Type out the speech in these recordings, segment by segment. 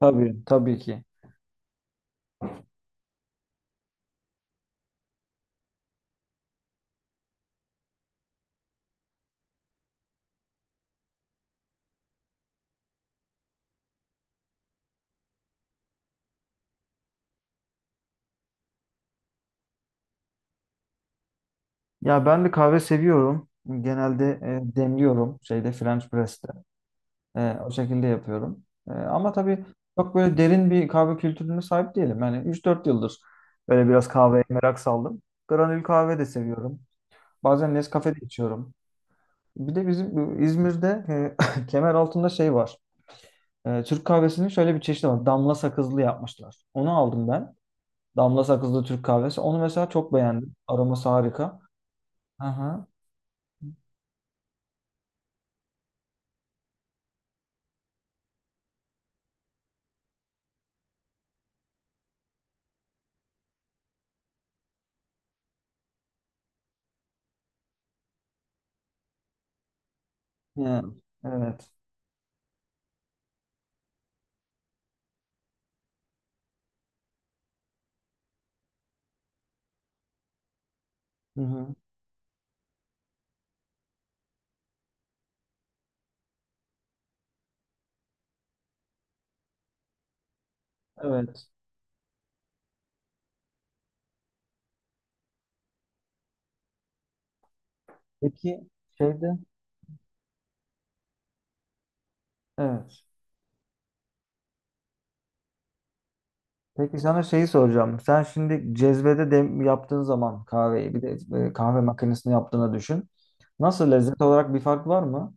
Tabii, tabii ki. Ya ben de kahve seviyorum. Genelde demliyorum şeyde French press'te. O şekilde yapıyorum. Ama tabii çok böyle derin bir kahve kültürüne sahip değilim. Yani üç dört yıldır böyle biraz kahveye merak saldım. Granül kahve de seviyorum. Bazen Nescafe de içiyorum. Bir de bizim bu İzmir'de kemer altında şey var. Türk kahvesinin şöyle bir çeşidi var. Damla sakızlı yapmışlar. Onu aldım ben. Damla sakızlı Türk kahvesi. Onu mesela çok beğendim. Aroması harika. Aha. Ha, evet. Hı hı. Evet. Peki şeyde evet. Peki sana şeyi soracağım. Sen şimdi cezvede dem yaptığın zaman kahveyi bir de kahve makinesini yaptığını düşün. Nasıl lezzet olarak bir fark var mı?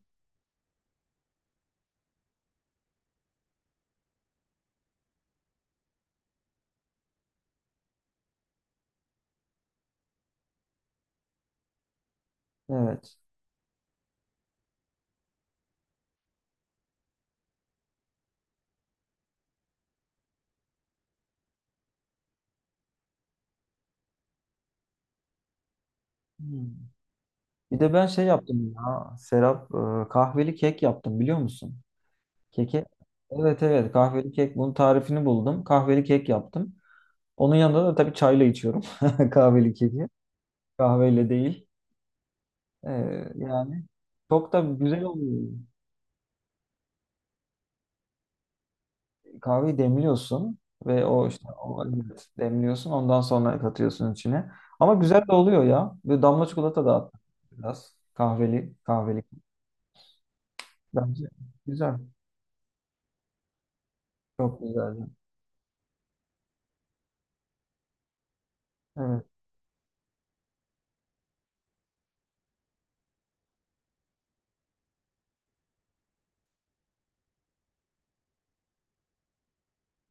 Evet. Hmm. Bir de ben şey yaptım ya. Serap kahveli kek yaptım biliyor musun? Keki. Evet, evet, kahveli kek, bunun tarifini buldum. Kahveli kek yaptım. Onun yanında da tabii çayla içiyorum. Kahveli keki. Kahveyle değil. E, Yani çok da güzel oluyor. Kahveyi demliyorsun ve o işte o, evet, demliyorsun, ondan sonra katıyorsun içine. Ama güzel de oluyor ya. Bir damla çikolata da at biraz. Kahveli, kahveli. Bence güzel. Çok güzel. Evet.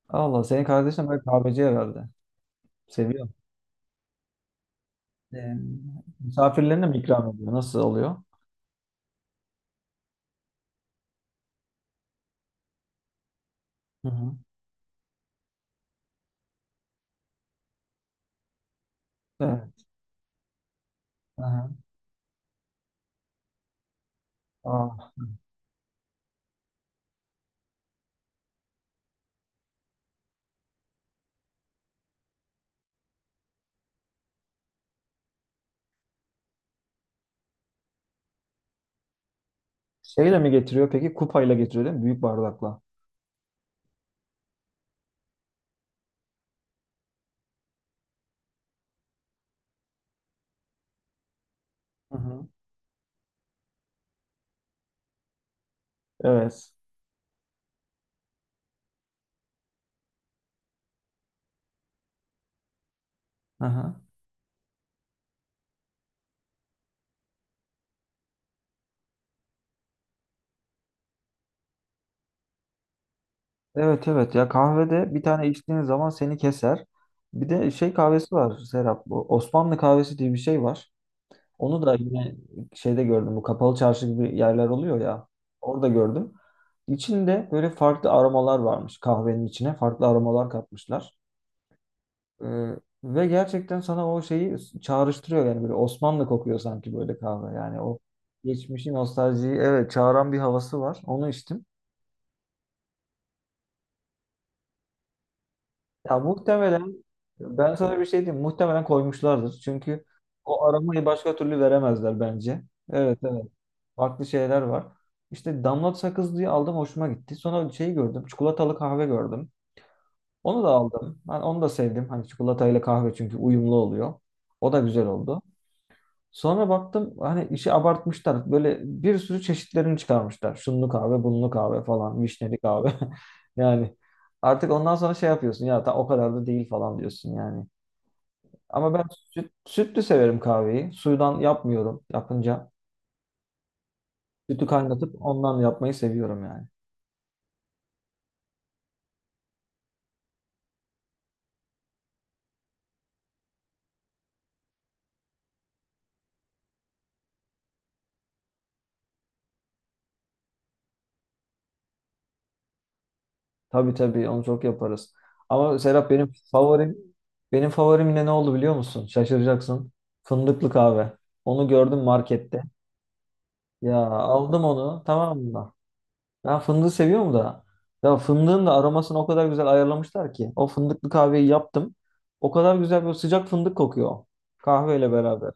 Allah, senin kardeşin böyle kahveci herhalde. Seviyor. Ee, misafirlerine mi ikram ediyor? Nasıl oluyor? Hı hı. Evet. Aha. Aa. Şeyle mi getiriyor peki? Kupayla getiriyor değil mi? Büyük bardakla. Hı hı. Evet. Aha. Evet, evet, ya kahvede bir tane içtiğin zaman seni keser. Bir de şey kahvesi var Serap. Bu Osmanlı kahvesi diye bir şey var. Onu da yine şeyde gördüm. Bu kapalı çarşı gibi yerler oluyor ya. Orada gördüm. İçinde böyle farklı aromalar varmış kahvenin içine. Farklı aromalar katmışlar. Ee, ve gerçekten sana o şeyi çağrıştırıyor yani, böyle Osmanlı kokuyor sanki böyle kahve. Yani o geçmişin nostaljiyi evet çağıran bir havası var. Onu içtim. Ya muhtemelen ben sana bir şey diyeyim. Muhtemelen koymuşlardır. Çünkü o aramayı başka türlü veremezler bence. Evet, evet. Farklı şeyler var. İşte damlat sakız diye aldım, hoşuma gitti. Sonra şeyi gördüm. Çikolatalı kahve gördüm. Onu da aldım. Ben onu da sevdim. Hani çikolatayla kahve çünkü uyumlu oluyor. O da güzel oldu. Sonra baktım hani işi abartmışlar. Böyle bir sürü çeşitlerini çıkarmışlar. Şunlu kahve, bunlu kahve falan, vişneli kahve. Yani artık ondan sonra şey yapıyorsun ya, ta o kadar da değil falan diyorsun yani. Ama ben süt, sütlü severim kahveyi. Suyudan yapmıyorum yapınca. Sütü kaynatıp ondan yapmayı seviyorum yani. Tabii, tabii, onu çok yaparız. Ama Serap, benim favorim benim favorim yine ne oldu biliyor musun? Şaşıracaksın. Fındıklı kahve. Onu gördüm markette. Ya aldım onu, tamam mı? Ben fındığı seviyorum da. Ya fındığın da aromasını o kadar güzel ayarlamışlar ki. O fındıklı kahveyi yaptım. O kadar güzel bir sıcak fındık kokuyor. Kahveyle beraber.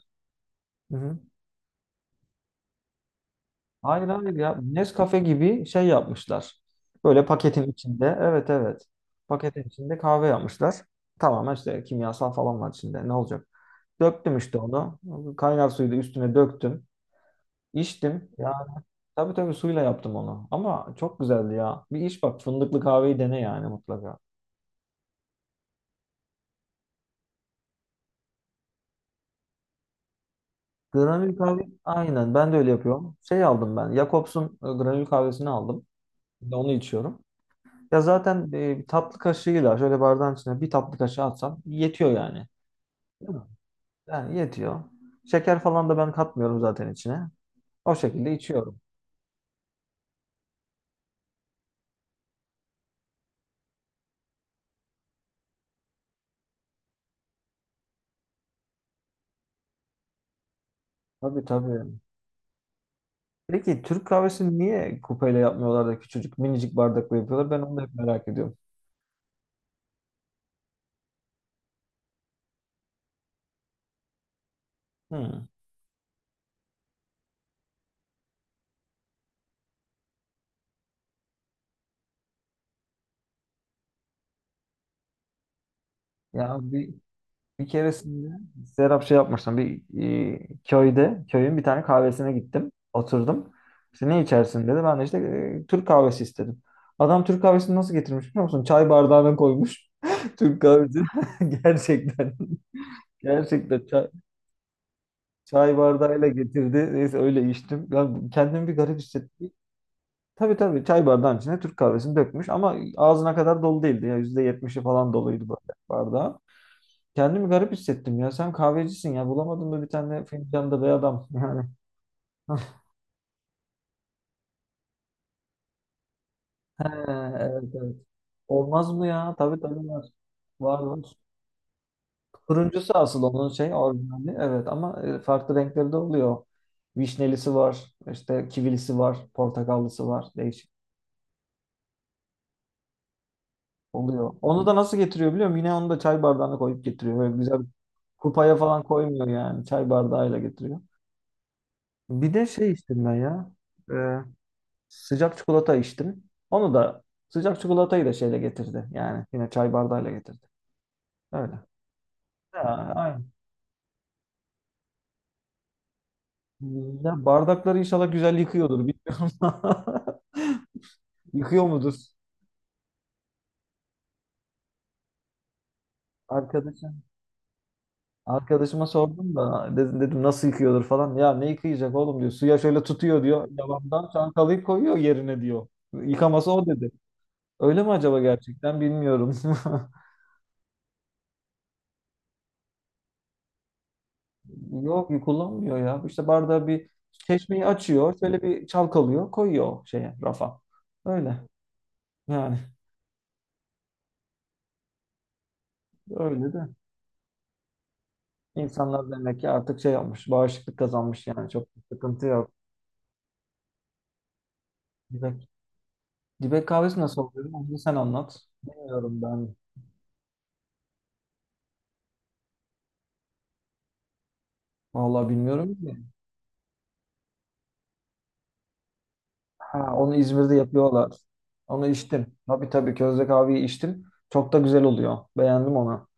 Hı hı. Hayır, hayır ya. Nescafe gibi şey yapmışlar. Böyle paketin içinde. Evet, evet. Paketin içinde kahve yapmışlar. Tamamen işte kimyasal falan var içinde. Ne olacak? Döktüm işte onu. Kaynar suyu da üstüne döktüm. İçtim. Ya tabii, tabii suyla yaptım onu. Ama çok güzeldi ya. Bir iç bak, fındıklı kahveyi dene yani mutlaka. Granül kahve aynen ben de öyle yapıyorum. Şey aldım ben. Jacobs'un granül kahvesini aldım. Şimdi onu içiyorum. Ya zaten bir tatlı kaşığıyla şöyle bardağın içine bir tatlı kaşığı atsam yetiyor yani. Değil mi? Yani yetiyor. Şeker falan da ben katmıyorum zaten içine. O şekilde içiyorum. Tabii, tabii. Peki Türk kahvesini niye kupeyle yapmıyorlar da küçücük minicik bardakla yapıyorlar? Ben onu da hep merak ediyorum. Hmm. Ya bir bir keresinde Serap şey yapmıştım. Bir köyde, köyün bir tane kahvesine gittim. Oturdum. İşte ne içersin dedi. Ben de işte Türk kahvesi istedim. Adam Türk kahvesini nasıl getirmiş biliyor musun? Çay bardağına koymuş. Türk kahvesi. Gerçekten. Gerçekten çay, çay bardağıyla getirdi. Neyse öyle içtim. Ben kendimi bir garip hissettim. Tabii, tabii çay bardağın içine Türk kahvesini dökmüş ama ağzına kadar dolu değildi. Ya %70'i falan doluydu böyle bardağın. Kendimi garip hissettim ya. Sen kahvecisin ya. Bulamadın mı bir tane fincanda bey adam? Yani. He, evet, evet. Olmaz mı ya? Tabii, tabii var. Var, var. Turuncusu asıl onun şey orijinali. Evet, ama farklı renkleri de oluyor. Vişnelisi var. İşte kivilisi var. Portakallısı var. Değişik oluyor. Onu da nasıl getiriyor biliyor musun? Yine onu da çay bardağına koyup getiriyor. Böyle güzel kupaya falan koymuyor yani. Çay bardağıyla getiriyor. Bir de şey içtim ben ya. Sıcak çikolata içtim. Onu da sıcak çikolatayı da şeyle getirdi. Yani yine çay bardağıyla getirdi. Öyle. Ya, aynen. Ya bardakları inşallah güzel yıkıyordur. Bilmiyorum. Yıkıyor mudur? Arkadaşım. Arkadaşıma sordum da dedim, dedim nasıl yıkıyordur falan. Ya ne yıkayacak oğlum diyor. Suya şöyle tutuyor diyor. Yalandan çantalayıp koyuyor yerine diyor. Yıkaması o dedi. Öyle mi acaba, gerçekten bilmiyorum. Yok, kullanmıyor ya. İşte bardağı bir çeşmeyi açıyor. Şöyle bir çalkalıyor. Koyuyor o şeye rafa. Öyle. Yani öyle de. İnsanlar demek ki artık şey yapmış. Bağışıklık kazanmış yani. Çok bir sıkıntı yok. Dibek, dibek kahvesi nasıl oluyor? Onu sen anlat. Bilmiyorum ben. Vallahi bilmiyorum ki. Ha, onu İzmir'de yapıyorlar. Onu içtim. Tabii, tabii közde kahveyi içtim. Çok da güzel oluyor. Beğendim onu.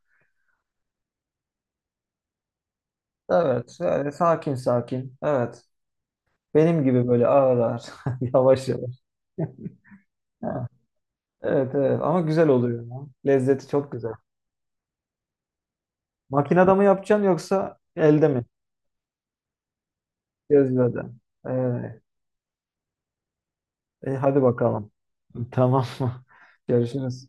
Evet. Öyle sakin sakin. Evet. Benim gibi böyle ağır ağır. Yavaş yavaş. Ha, evet, evet ama güzel oluyor ya. Lezzeti çok güzel. Makinede mi yapacaksın yoksa elde mi? Gözlerde. Evet. Hadi bakalım. Tamam mı? Görüşürüz.